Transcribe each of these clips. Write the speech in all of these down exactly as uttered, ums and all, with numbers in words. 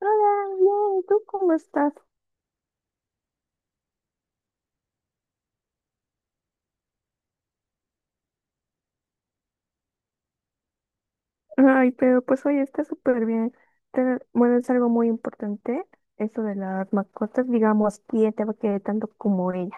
Hola, bien, ¿tú cómo estás? Ay, pero pues hoy está súper bien. Te- bueno, es algo muy importante, eso de las mascotas, digamos, quién te va a querer tanto como ella.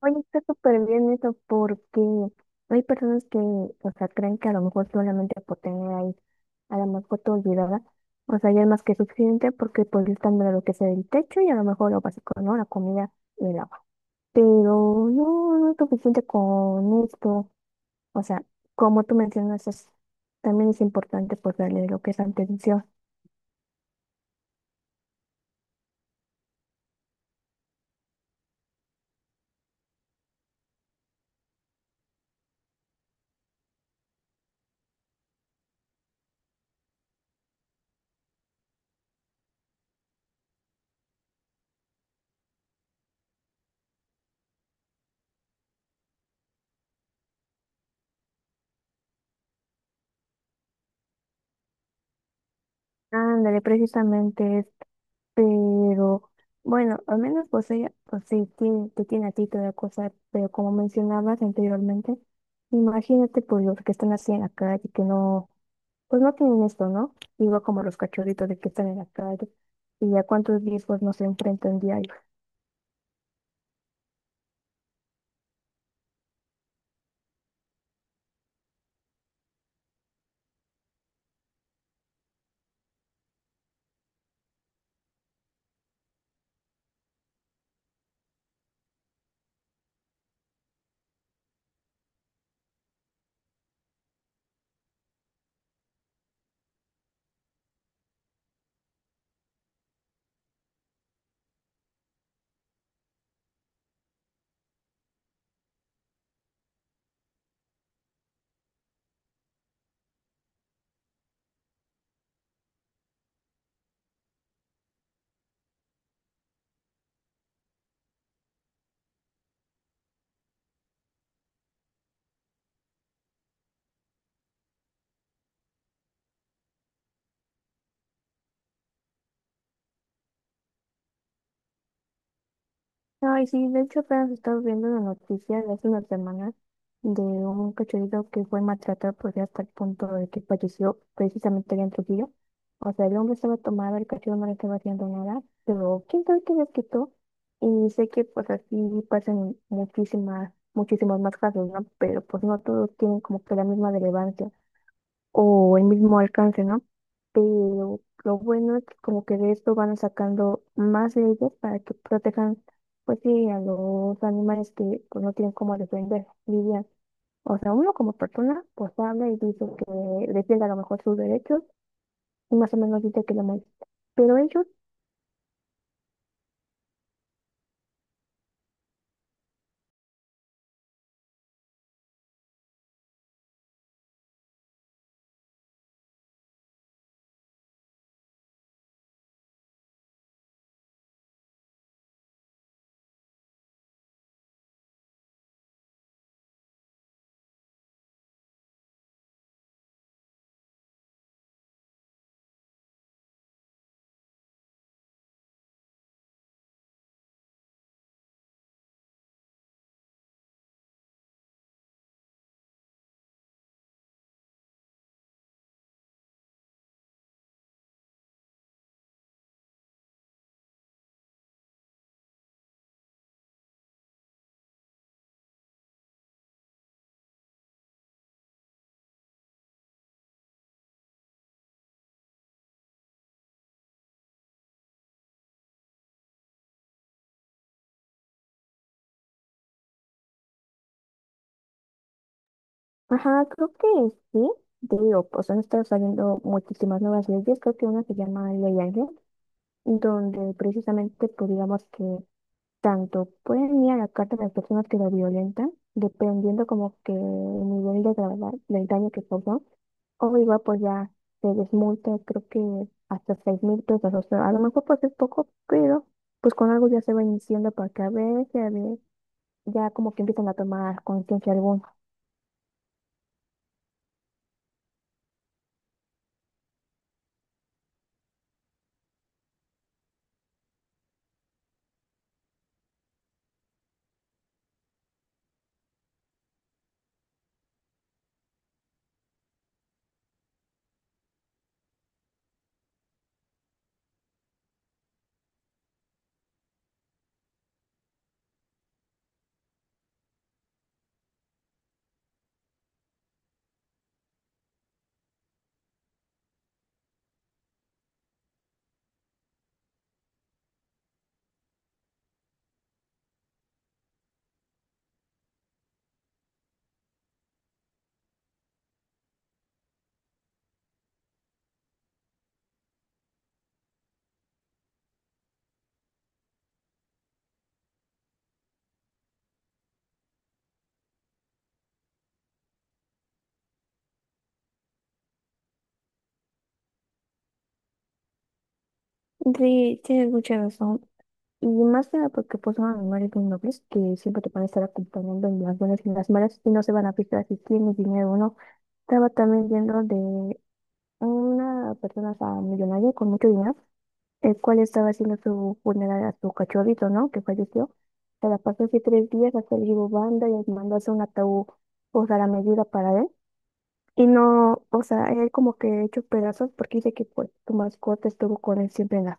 Oye, está súper bien eso porque hay personas que, o sea, creen que a lo mejor solamente por tener ahí a la mascota olvidada, o sea, ya es más que suficiente porque pues le están dando lo que sea el techo y a lo mejor lo básico, ¿no? La comida y el agua. Pero no, no es suficiente con esto. O sea, como tú mencionas, es- también es importante pues darle lo que es atención. Ándale, precisamente, es- pero bueno, al menos pues ella, pues sí, tiene, te tiene a ti toda cosa, pero como mencionabas anteriormente, imagínate pues los que están así en la calle, que no, pues no tienen esto, ¿no? Igual como los cachorritos de que están en la calle y a cuántos días pues no se enfrentan diario. Ay, sí, de hecho apenas estaba viendo una noticia de hace unas semanas de un cachorrito que fue maltratado por hasta el punto de que falleció precisamente allá en Trujillo. O sea, el hombre estaba tomado, el cachorro no le estaba haciendo nada, pero quién sabe qué les quitó. Y sé que pues así pasan muchísimas, muchísimos más casos, ¿no? Pero pues no todos tienen como que la misma relevancia o el mismo alcance, ¿no? Pero lo bueno es que como que de esto van sacando más leyes para que protejan, pues sí, a los animales que pues, no tienen cómo defender, dirían. O sea, uno como persona, pues habla y dice que defiende a lo mejor sus derechos y más o menos dice que lo molesta. Pero ellos, ajá, creo que sí, te digo, pues han estado saliendo muchísimas nuevas leyes, creo que una se llama Ley Ángel, donde precisamente, pues digamos que tanto pueden ir a la carta de las personas que lo violentan, dependiendo como que el nivel de gravedad del daño que causó, o igual pues ya se les multa, creo que hasta seis mil pesos, o sea, a lo mejor pues es poco, pero pues con algo ya se va iniciando para que a ver, ya, ve- ya como que empiezan a tomar conciencia alguna. Sí, tienes mucha razón. Y más que nada porque pues son animales muy nobles que siempre te van a estar acompañando en las buenas y en las malas y no se van a fijar si tienes dinero o no. Estaba también viendo una persona, o sea, millonaria con mucho dinero, el cual estaba haciendo su funeral a su cachorrito, ¿no? Que falleció. Se la pasó así tres días, hasta el llevó banda y les mandó a hacer un ataúd, o sea, la medida para él. Y no, o sea, él como que hecho pedazos porque dice que pues tu mascota estuvo con él siempre en las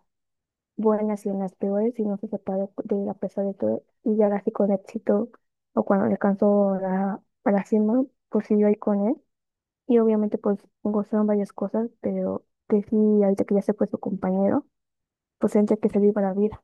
buenas y en las peores y no se separó de él a pesar de todo. Y ya así con éxito, o cuando le alcanzó la, a la cima, pues siguió ahí con él. Y obviamente pues gozaron varias cosas, pero que sí, ahorita que ya se fue su compañero, pues tendría que salir para la vida.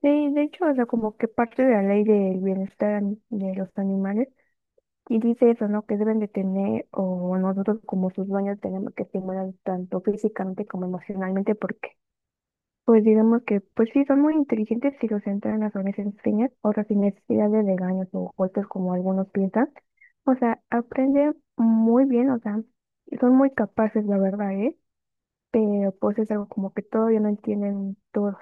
Sí, de hecho, o sea, como que parte de la ley del bienestar ani- de los animales, y dice eso, ¿no? Que deben de tener, o nosotros como sus dueños tenemos que estimular tanto físicamente como emocionalmente, porque pues digamos que, pues sí, son muy inteligentes si los entrenas o les enseñas, o sea, sin necesidad de regaños o golpes como algunos piensan. O sea, aprenden muy bien, o sea, y son muy capaces, la verdad, ¿eh? Pero pues es algo como que todavía no entienden todos.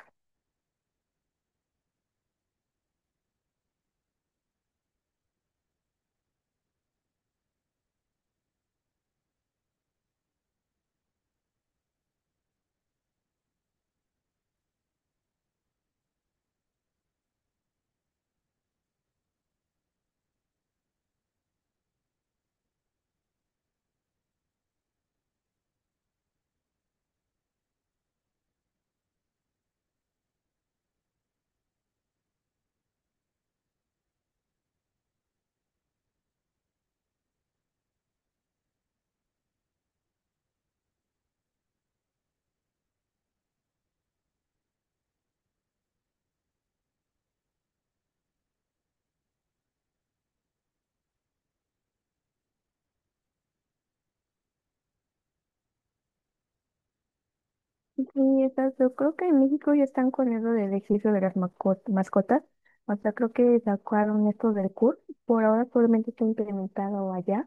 Sí, exacto. Yo creo que en México ya están con eso del ejercicio de las maco- mascotas. O sea, creo que sacaron esto del C U R. Por ahora solamente está implementado allá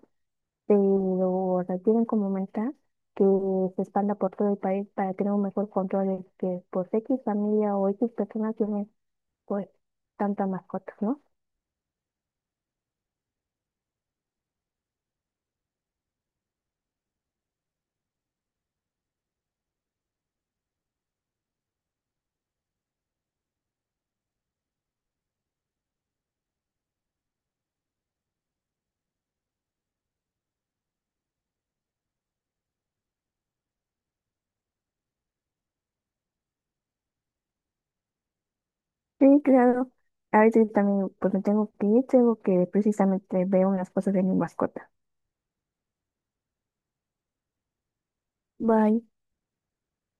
pero requieren como meta que se expanda por todo el país para tener un mejor control de que por equis familia o equis personas tienen pues tantas mascotas, ¿no? Sí, claro. A veces también pues me tengo que ir, tengo que precisamente ver unas cosas de mi mascota. Bye.